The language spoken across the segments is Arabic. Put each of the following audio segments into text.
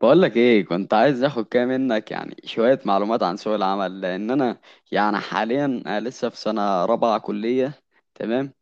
بقولك ايه كنت عايز اخد كده منك يعني شوية معلومات عن سوق العمل لان انا يعني حاليا أنا لسه في سنة رابعة كلية. تمام.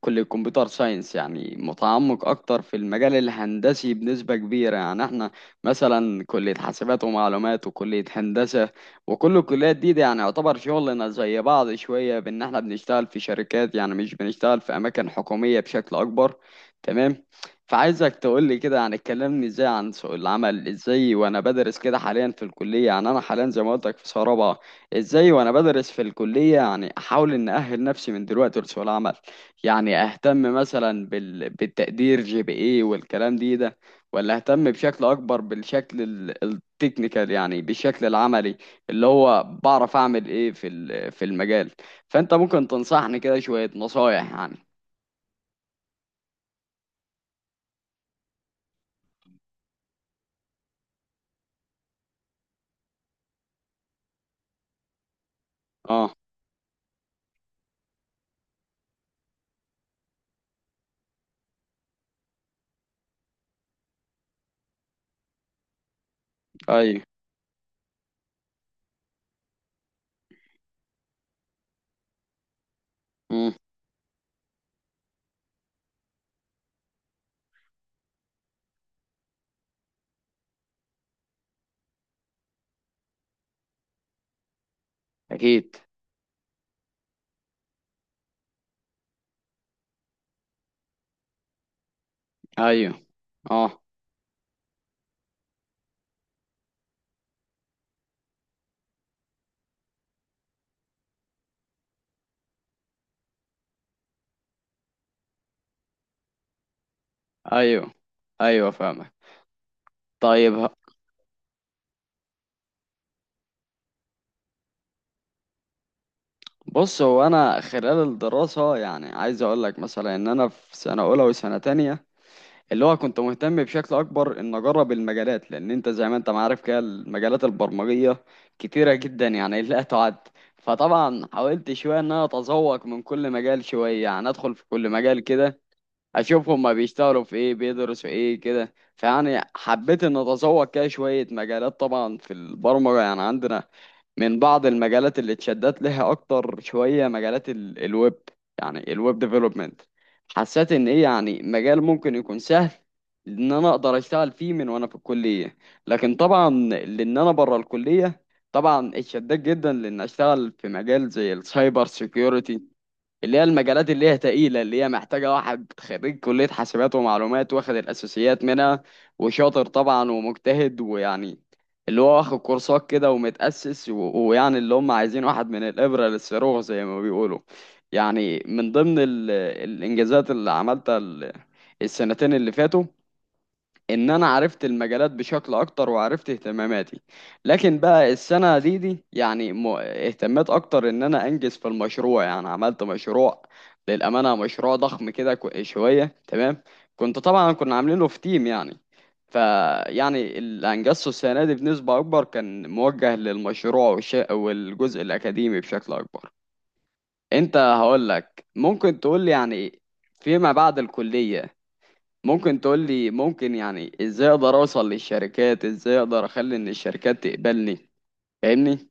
كلية كمبيوتر ساينس يعني متعمق أكتر في المجال الهندسي بنسبة كبيرة يعني احنا مثلا كلية حاسبات ومعلومات وكلية هندسة، وكل الكليات دي يعني يعتبر شغلنا زي بعض شوية بإن احنا بنشتغل في شركات، يعني مش بنشتغل في أماكن حكومية بشكل أكبر. تمام. فعايزك تقول لي كده يعني اتكلمني ازاي عن سوق العمل، ازاي وانا بدرس كده حاليا في الكلية، يعني انا حاليا زي ما قلت لك في سنة رابعة. ازاي وانا بدرس في الكلية يعني احاول ان اهل نفسي من دلوقتي لسوق العمل. يعني اهتم مثلا بالتقدير جي بي اي والكلام دي ده، ولا اهتم بشكل اكبر بالشكل التكنيكال، يعني بالشكل العملي اللي هو بعرف اعمل ايه في في المجال. فانت ممكن تنصحني كده شوية نصايح يعني. اه. ايوه. امم. اكيد. ايوه. اه. ايوه، ايوه فاهمك. طيب بص هو انا خلال الدراسة يعني عايز اقول لك مثلا ان انا في سنة اولى وسنة تانية اللي هو كنت مهتم بشكل اكبر ان اجرب المجالات، لان انت زي ما انت ما عارف كده المجالات البرمجيه كتيره جدا يعني لا تعد. فطبعا حاولت شويه ان انا اتذوق من كل مجال شويه، يعني ادخل في كل مجال كده اشوف هما بيشتغلوا في ايه بيدرسوا ايه كده، فيعني حبيت ان اتذوق كده شوية مجالات. طبعا في البرمجة يعني عندنا من بعض المجالات اللي اتشدت لها اكتر شوية مجالات الويب، يعني الويب ديفلوبمنت. حسيت ان ايه يعني مجال ممكن يكون سهل ان انا اقدر اشتغل فيه من وانا في الكلية. لكن طبعا لان انا بره الكلية طبعا اتشدت جدا لان اشتغل في مجال زي السايبر سيكيورتي، اللي هي المجالات اللي هي تقيلة، اللي هي محتاجة واحد خريج كلية حاسبات ومعلومات واخد الأساسيات منها وشاطر طبعا ومجتهد، ويعني اللي هو واخد كورسات كده ومتأسس ويعني اللي هم عايزين واحد من الإبرة للصاروخ زي ما بيقولوا. يعني من ضمن الإنجازات اللي عملتها السنتين اللي فاتوا ان انا عرفت المجالات بشكل اكتر وعرفت اهتماماتي. لكن بقى السنه دي يعني اهتميت اكتر ان انا انجز في المشروع. يعني عملت مشروع، للامانه مشروع ضخم كده شويه تمام. كنت طبعا كنا عاملينه في تيم يعني. فيعني اللي انجزته السنه دي بنسبه اكبر كان موجه للمشروع والجزء الاكاديمي بشكل اكبر. انت هقول لك ممكن تقول لي يعني فيما بعد الكليه، ممكن تقول لي ممكن يعني ازاي اقدر اوصل للشركات، ازاي اقدر اخلي ان الشركات تقبلني. فاهمني؟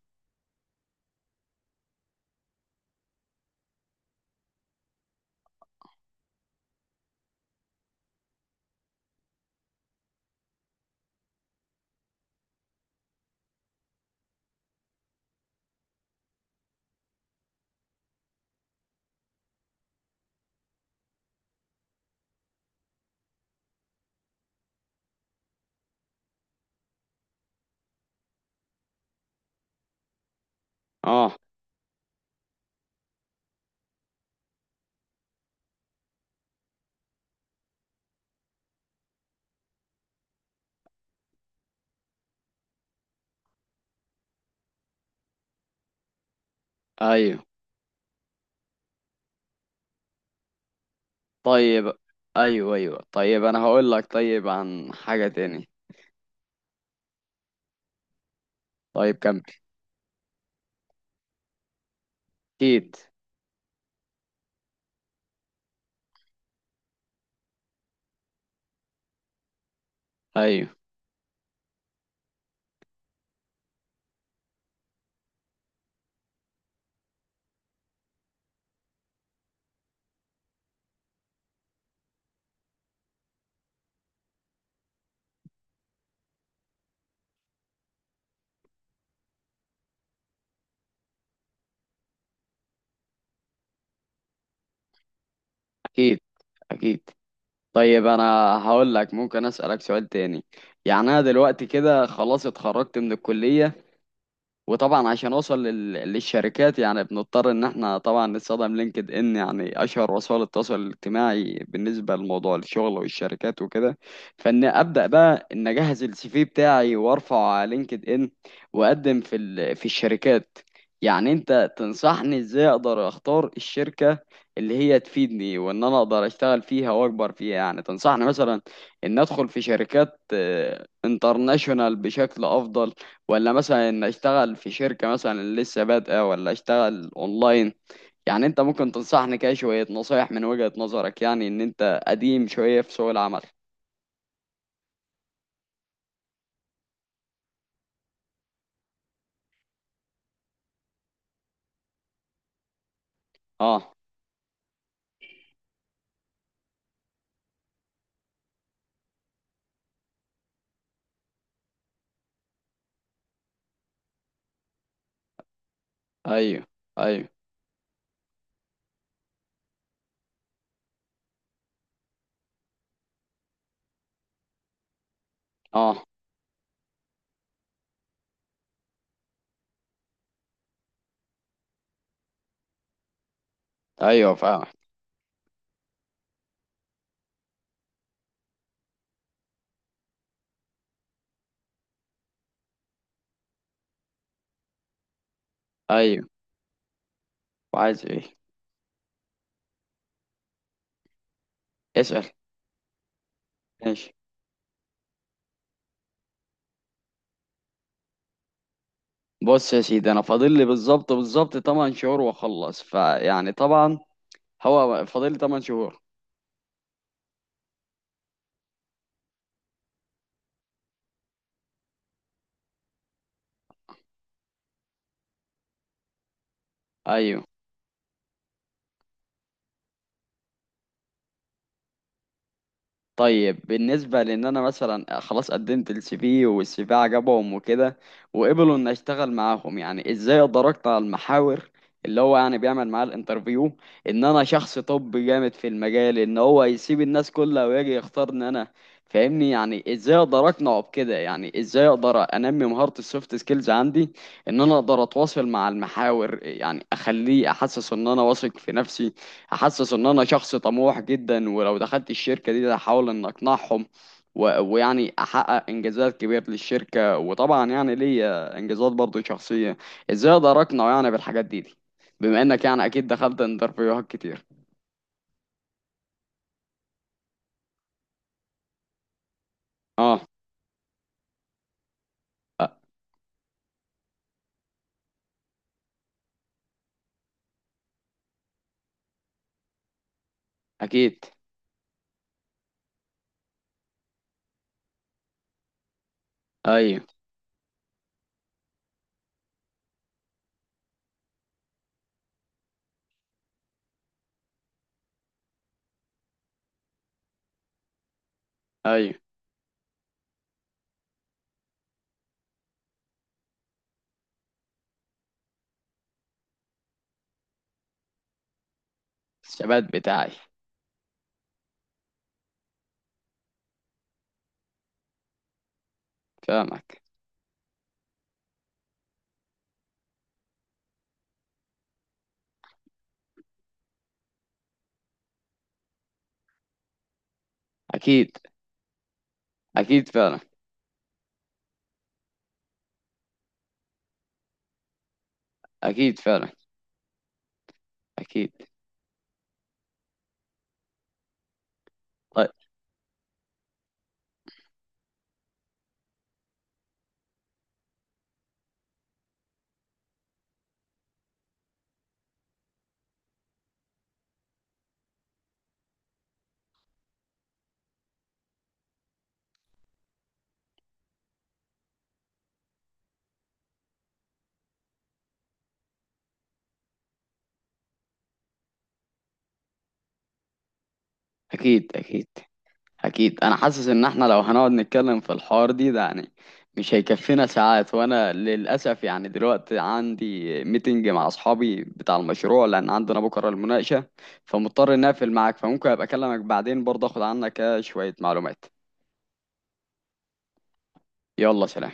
اه. ايوه. طيب. ايوه، ايوه طيب انا هقول لك طيب عن حاجة تاني. طيب كمل. اكيد. ايوه. اكيد. اكيد. طيب انا هقول لك ممكن اسالك سؤال تاني. يعني انا دلوقتي كده خلاص اتخرجت من الكلية، وطبعا عشان اوصل للشركات يعني بنضطر ان احنا طبعا نستخدم لينكد ان، يعني اشهر وسائل التواصل الاجتماعي بالنسبه لموضوع الشغل والشركات وكده. فان ابدا بقى ان اجهز السي في بتاعي وارفعه على لينكد ان واقدم في في الشركات. يعني انت تنصحني ازاي اقدر اختار الشركه اللي هي تفيدني وان انا اقدر اشتغل فيها واكبر فيها، يعني تنصحني مثلا ان ادخل في شركات انترناشونال بشكل افضل، ولا مثلا ان اشتغل في شركة مثلا لسه بادئة، ولا اشتغل اونلاين. يعني انت ممكن تنصحني كده شوية نصايح من وجهة نظرك، يعني ان انت قديم شوية في سوق العمل. اه. ايوه. ايوه. اه. ايوه فاهم. ايوه وعايز ايه. اسأل. ماشي. بص يا سيدي انا فاضل لي بالظبط بالظبط 8 شهور واخلص، فيعني طبعا هو فاضل لي 8 شهور. ايوه. طيب بالنسبة لان انا مثلا خلاص قدمت السي في والسي في عجبهم وكده وقبلوا ان اشتغل معاهم، يعني ازاي اقدر اقطع المحاور اللي هو يعني بيعمل معاه الانترفيو ان انا شخص طبي جامد في المجال، ان هو يسيب الناس كلها ويجي يختارني انا؟ فاهمني؟ يعني ازاي اقدر اقنعه بكده؟ يعني ازاي اقدر انمي مهارة السوفت سكيلز عندي ان انا اقدر اتواصل مع المحاور، يعني اخليه احسس ان انا واثق في نفسي، احسس ان انا شخص طموح جدا، ولو دخلت الشركه دي هحاول ان اقنعهم ويعني احقق انجازات كبيره للشركه، وطبعا يعني ليا انجازات برضو شخصيه. ازاي اقدر اقنع يعني بالحاجات دي، بما انك يعني اكيد دخلت انترفيوهات كتير. اه أ- اكيد. ايوه. ايوه الثبات بتاعي. فاهمك. اكيد. اكيد فعلا. اكيد فعلا. اكيد. طيب. اكيد. اكيد. أكيد أنا حاسس إن إحنا لو هنقعد نتكلم في الحوار ده يعني مش هيكفينا ساعات، وأنا للأسف يعني دلوقتي عندي ميتنج مع أصحابي بتاع المشروع لأن عندنا بكرة المناقشة، فمضطر إني أقفل معاك. فممكن أبقى أكلمك بعدين برضه أخد عنك شوية معلومات. يلا سلام.